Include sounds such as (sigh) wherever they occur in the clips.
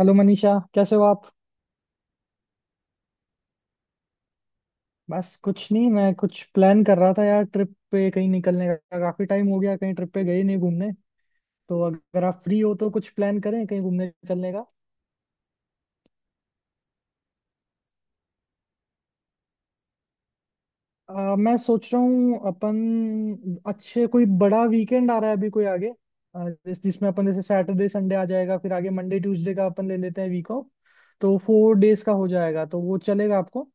Hello Manisha, कैसे हो आप। बस कुछ नहीं, मैं कुछ प्लान कर रहा था यार, ट्रिप पे कहीं निकलने का। काफी टाइम हो गया, कहीं ट्रिप पे गए नहीं घूमने। तो अगर आप फ्री हो तो कुछ प्लान करें कहीं घूमने चलने का। मैं सोच रहा हूँ अपन अच्छे कोई बड़ा वीकेंड आ रहा है अभी कोई आगे। जिसमें अपन जैसे सैटरडे संडे आ जाएगा, फिर आगे मंडे ट्यूसडे का अपन ले लेते हैं वीक ऑफ। तो 4 डेज का हो जाएगा, तो वो चलेगा आपको।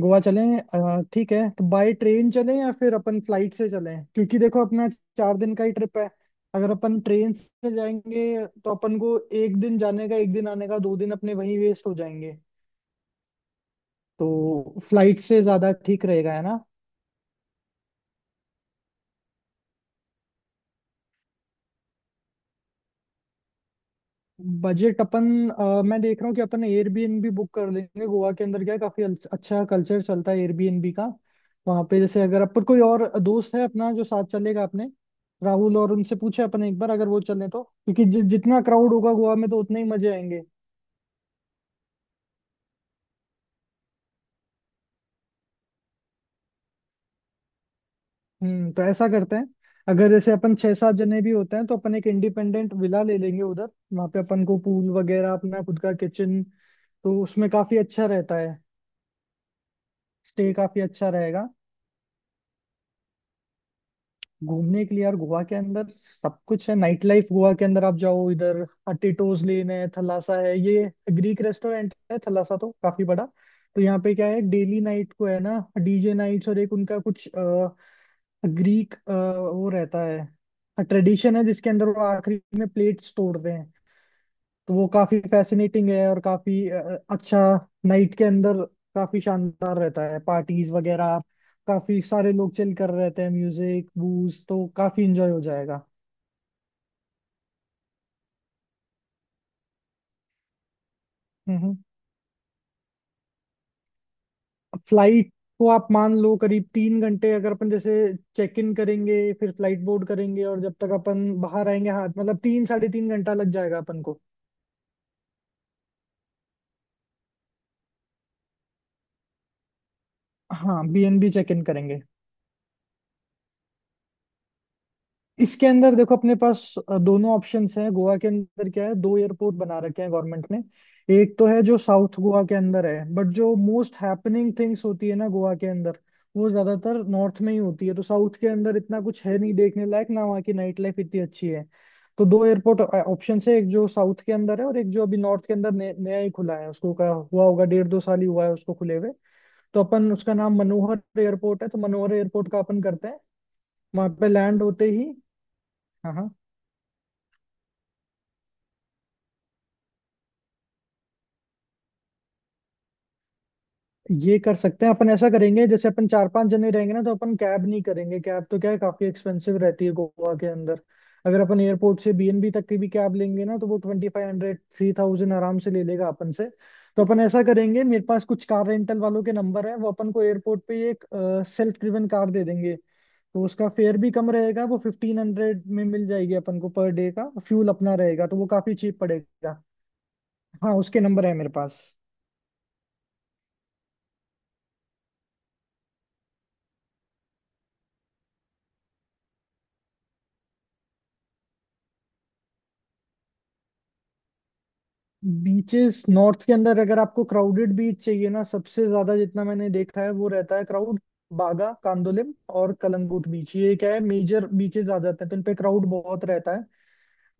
गोवा चलें, ठीक है। तो बाय ट्रेन चलें या फिर अपन फ्लाइट से चलें, क्योंकि देखो अपना 4 दिन का ही ट्रिप है। अगर अपन ट्रेन से जाएंगे तो अपन को 1 दिन जाने का, 1 दिन आने का, 2 दिन अपने वहीं वेस्ट हो जाएंगे। तो फ्लाइट से ज्यादा ठीक रहेगा, है ना। बजट अपन, मैं देख रहा हूँ कि अपन एयरबीएनबी बुक कर लेंगे। गोवा के अंदर क्या है, काफी अच्छा कल्चर चलता है एयरबीएनबी का। वहां पे जैसे, अगर अपन कोई और दोस्त है अपना जो साथ चलेगा अपने, राहुल और उनसे पूछे अपन एक बार अगर वो चले तो, क्योंकि जितना क्राउड होगा गोवा में तो उतने ही मजे आएंगे। तो ऐसा करते हैं, अगर जैसे अपन 6-7 जने भी होते हैं तो अपन एक इंडिपेंडेंट विला ले लेंगे उधर। वहां पे अपन को पूल वगैरह, अपना खुद का किचन, तो उसमें काफी अच्छा रहता है। स्टे काफी अच्छा रहेगा। घूमने के लिए यार गोवा के अंदर सब कुछ है। नाइट लाइफ गोवा के अंदर, आप जाओ इधर टिटोज लेन है, थलासा है, ये ग्रीक रेस्टोरेंट है। थलासा तो काफी बड़ा, तो यहाँ पे क्या है, डेली नाइट को है ना डीजे नाइट्स। और एक उनका कुछ ग्रीक वो रहता है, ट्रेडिशन है जिसके अंदर वो आखिरी में प्लेट्स तोड़ते हैं। तो वो काफी फैसिनेटिंग है, और काफी अच्छा नाइट के अंदर काफी शानदार रहता है। पार्टीज वगैरह, काफी सारे लोग चिल कर रहते हैं, म्यूजिक बूज, तो काफी इंजॉय हो जाएगा। हम्म फ्लाइट को आप मान लो करीब 3 घंटे। अगर अपन जैसे चेक इन करेंगे, फिर फ्लाइट बोर्ड करेंगे और जब तक अपन बाहर आएंगे, हाँ, मतलब 3 साढ़े 3 घंटा लग जाएगा अपन को। हाँ, बीएनबी चेक इन करेंगे। इसके अंदर देखो, अपने पास दोनों ऑप्शंस हैं। गोवा के अंदर क्या है, 2 एयरपोर्ट बना रखे हैं गवर्नमेंट ने। एक तो है जो साउथ गोवा के अंदर है, बट जो मोस्ट हैपनिंग थिंग्स होती है ना गोवा के अंदर, वो ज्यादातर नॉर्थ में ही होती है। तो साउथ के अंदर इतना कुछ है नहीं देखने लायक, ना वहाँ की नाइट लाइफ इतनी अच्छी है। तो 2 एयरपोर्ट ऑप्शन है, एक जो साउथ के अंदर है और एक जो अभी नॉर्थ के अंदर नया नया ही खुला है। उसको का हुआ होगा, 1.5-2 साल ही हुआ है उसको खुले हुए। तो अपन, उसका नाम मनोहर एयरपोर्ट है, तो मनोहर एयरपोर्ट का अपन करते हैं। वहां पे लैंड होते ही, हाँ हाँ। ये कर सकते हैं। अपन ऐसा करेंगे, जैसे अपन 4-5 जने रहेंगे ना, तो अपन कैब नहीं करेंगे। कैब तो क्या है, काफी एक्सपेंसिव रहती है गोवा के अंदर। अगर अपन एयरपोर्ट से बीएनबी तक की भी कैब लेंगे ना, तो वो 2500-3000 आराम से ले लेगा अपन से। तो अपन ऐसा करेंगे, मेरे पास कुछ कार रेंटल वालों के नंबर है, वो अपन को एयरपोर्ट पे ही एक सेल्फ ड्रिवन कार दे देंगे। तो उसका फेयर भी कम रहेगा, वो 1500 में मिल जाएगी अपन को पर डे का। फ्यूल अपना रहेगा, तो वो काफी चीप पड़ेगा। हाँ, उसके नंबर है मेरे पास। बीचेस नॉर्थ के अंदर, अगर आपको क्राउडेड बीच चाहिए ना, सबसे ज्यादा जितना मैंने देखा है वो रहता है क्राउड बागा, कांदोलिम और कलंगूट बीच। ये क्या है, मेजर बीचेस आ जाते हैं, तो इन पे क्राउड बहुत रहता है।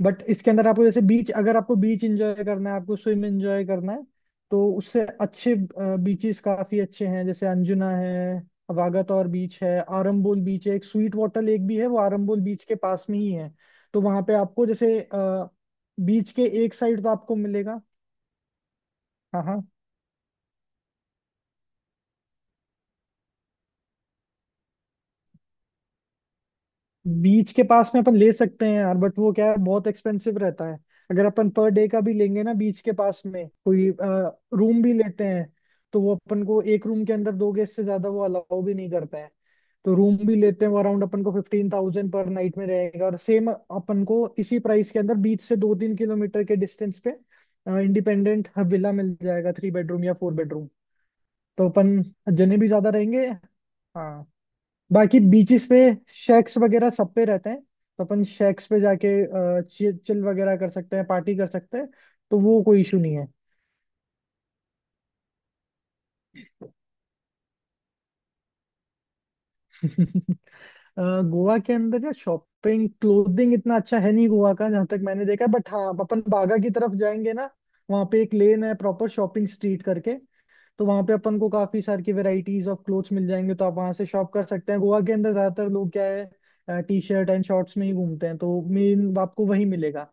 बट इसके अंदर आपको जैसे बीच, अगर आपको बीच एंजॉय करना है, आपको स्विम एंजॉय करना है, तो उससे अच्छे बीचेस काफी अच्छे हैं। जैसे अंजुना है, वागातोर बीच है, आरंबोल बीच है, एक स्वीट वाटर लेक भी है वो आरंबोल बीच के पास में ही है। तो वहां पे आपको जैसे बीच के एक साइड तो आपको मिलेगा। हाँ हाँ। बीच के पास में अपन ले सकते हैं यार, बट वो क्या है, बहुत एक्सपेंसिव रहता है। अगर अपन पर डे का भी लेंगे ना बीच के पास में कोई रूम भी लेते हैं, तो वो अपन को एक रूम के अंदर दो गेस्ट से ज्यादा वो अलाउ भी नहीं करते हैं। तो रूम भी लेते हैं वो अराउंड अपन को 15,000 पर नाइट में रहेगा। और सेम अपन को इसी प्राइस के अंदर बीच से 2-3 किलोमीटर के डिस्टेंस पे इंडिपेंडेंट विला मिल जाएगा, 3 बेडरूम या 4 बेडरूम। तो अपन जने भी ज्यादा रहेंगे, हाँ। बाकी बीचेस पे शेक्स वगैरह सब पे रहते हैं, तो अपन शेक्स पे जाके चिल वगैरह कर सकते हैं, पार्टी कर सकते हैं। तो वो कोई इशू नहीं है। (laughs) गोवा के अंदर या शॉपिंग, क्लोथिंग इतना अच्छा है नहीं गोवा का जहां तक मैंने देखा। बट हाँ, अपन बागा की तरफ जाएंगे ना, वहाँ पे एक लेन है, प्रॉपर शॉपिंग स्ट्रीट करके। तो वहाँ पे अपन को काफी सारी की वेराइटीज ऑफ क्लोथ्स मिल जाएंगे, तो आप वहाँ से शॉप कर सकते हैं। गोवा के अंदर ज्यादातर लोग क्या है, टी शर्ट एंड शॉर्ट्स में ही घूमते हैं, तो मेन आपको वही मिलेगा।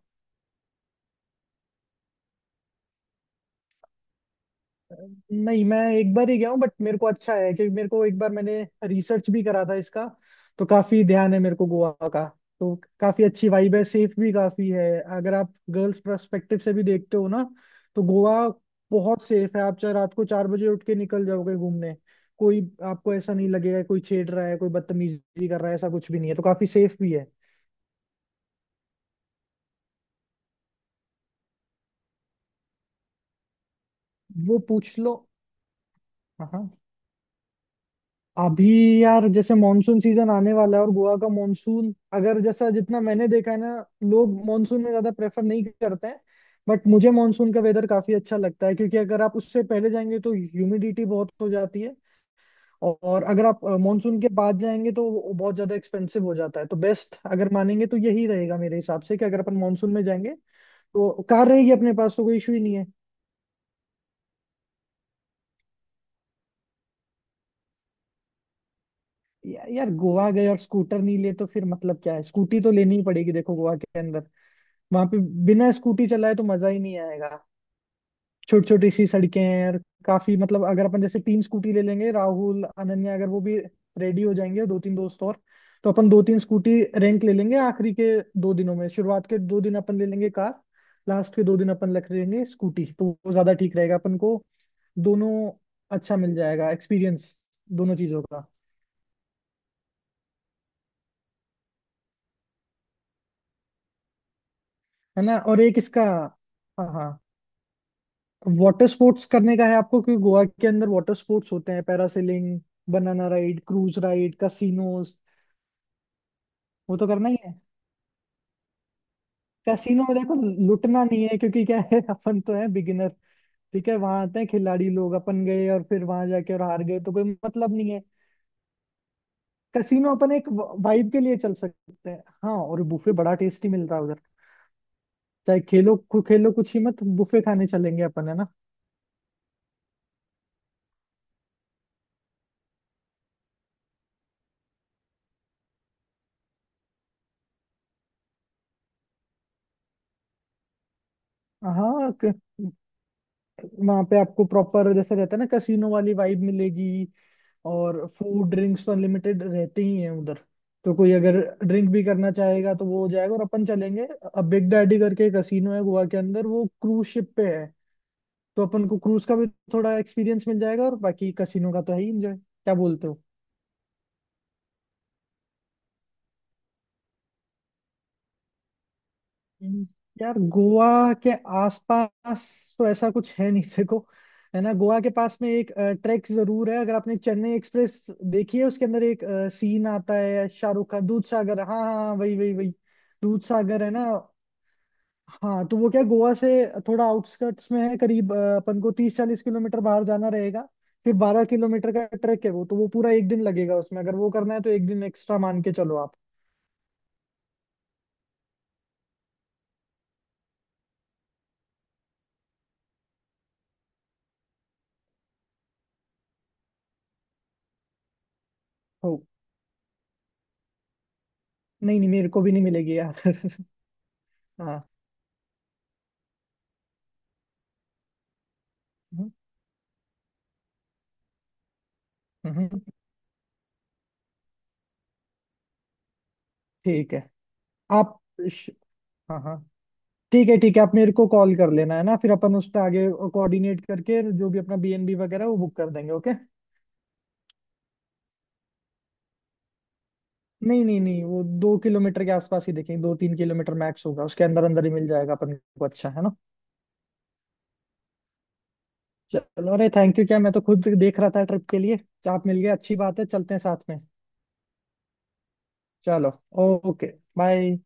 नहीं, मैं एक बार ही गया हूँ, बट मेरे को अच्छा है क्योंकि मेरे को एक बार मैंने रिसर्च भी करा था इसका, तो काफी ध्यान है मेरे को गोवा का। तो काफी अच्छी वाइब है, सेफ भी काफी है। अगर आप गर्ल्स पर्सपेक्टिव से भी देखते हो ना, तो गोवा बहुत सेफ है। आप चाहे रात को 4 बजे उठ के निकल जाओगे घूमने, कोई, आपको ऐसा नहीं लगेगा कोई छेड़ रहा है, कोई बदतमीजी कर रहा है, ऐसा कुछ भी नहीं है। तो काफी सेफ भी है। वो पूछ लो। हाँ हाँ। अभी यार जैसे मॉनसून सीजन आने वाला है, और गोवा का मॉनसून, अगर जैसा जितना मैंने देखा है ना, लोग मॉनसून में ज्यादा प्रेफर नहीं करते हैं। बट मुझे मॉनसून का वेदर काफी अच्छा लगता है, क्योंकि अगर आप उससे पहले जाएंगे तो ह्यूमिडिटी बहुत हो जाती है, और अगर आप मॉनसून के बाद जाएंगे तो वो बहुत ज्यादा एक्सपेंसिव हो जाता है। तो बेस्ट अगर मानेंगे तो यही रहेगा मेरे हिसाब से कि अगर अपन मॉनसून में जाएंगे तो कार रहेगी अपने पास, तो कोई इशू ही नहीं है। यार गोवा गए और स्कूटर नहीं ले, तो फिर मतलब क्या है। स्कूटी तो लेनी ही पड़ेगी, देखो गोवा के वहां पे बिना स्कूटी चलाए तो मजा ही नहीं आएगा। छोटी छोटी सी सड़कें हैं, और काफी मतलब अगर अपन जैसे 3 स्कूटी ले लेंगे, राहुल अनन्या अगर वो भी रेडी हो जाएंगे, 2-3 दोस्त और, तो अपन 2-3 स्कूटी रेंट ले लेंगे आखिरी के 2 दिनों में। शुरुआत के 2 दिन अपन ले लेंगे कार, लास्ट के 2 दिन अपन रख लेंगे स्कूटी, तो वो ज्यादा ठीक रहेगा अपन को। दोनों अच्छा मिल जाएगा एक्सपीरियंस दोनों चीजों का। है ना, और एक इसका, हाँ हाँ, वाटर स्पोर्ट्स करने का है आपको, क्योंकि गोवा के अंदर वाटर स्पोर्ट्स होते हैं, parasailing, banana ride, cruise ride, casinos, वो तो करना ही है। कैसीनो में देखो, लुटना नहीं है, क्योंकि क्या है (laughs) अपन तो है बिगिनर, ठीक है। वहां आते हैं खिलाड़ी लोग, अपन गए और फिर वहां जाके और हार गए तो कोई मतलब नहीं है। कैसीनो अपन एक वाइब के लिए चल सकते हैं, हाँ। और बुफे बड़ा टेस्टी मिलता है उधर। चाहे खेलो खेलो कुछ ही मत, बुफे खाने चलेंगे अपन, है ना। हाँ, वहां पे आपको प्रॉपर जैसे रहता है ना कैसीनो वाली वाइब मिलेगी। और फूड ड्रिंक्स पर लिमिटेड रहते ही हैं उधर, तो कोई अगर ड्रिंक भी करना चाहेगा तो वो हो जाएगा, और अपन चलेंगे। अब बिग डैडी करके कसीनो है गोवा के अंदर, वो क्रूज शिप पे है, तो अपन को क्रूज का भी थोड़ा एक्सपीरियंस मिल जाएगा। और बाकी कसीनो का तो है ही एंजॉय, क्या बोलते हो। हम्म। यार गोवा के आसपास तो ऐसा कुछ है नहीं, देखो, है ना। गोवा के पास में एक ट्रैक जरूर है, अगर आपने चेन्नई एक्सप्रेस देखी है, उसके अंदर एक सीन आता है शाहरुख का, दूध सागर। हाँ हाँ हाँ, वही वही वही, दूध सागर है ना। हाँ, तो वो क्या, गोवा से थोड़ा आउटस्कर्ट्स में है, करीब अपन को 30-40 किलोमीटर बाहर जाना रहेगा। फिर 12 किलोमीटर का ट्रैक है वो, तो वो पूरा 1 दिन लगेगा उसमें। अगर वो करना है तो 1 दिन एक्स्ट्रा मान के चलो आप। हो नहीं नहीं, मेरे को भी नहीं मिलेगी यार। (laughs) हाँ। हम्म, हम्म, ठीक है आप, श- हाँ हाँ, ठीक है, ठीक है। आप मेरे को कॉल कर लेना, है ना, फिर अपन उस पर आगे कोऑर्डिनेट करके जो भी अपना बीएनबी वगैरह वो बुक कर देंगे, ओके। नहीं नहीं नहीं, वो 2 किलोमीटर के आसपास ही देखेंगे, 2-3 किलोमीटर मैक्स होगा, उसके अंदर अंदर ही मिल जाएगा अपन को, अच्छा, है ना। चलो, अरे थैंक यू क्या, मैं तो खुद देख रहा था ट्रिप के लिए, आप मिल गए अच्छी बात है, चलते हैं साथ में। चलो, ओके, बाय।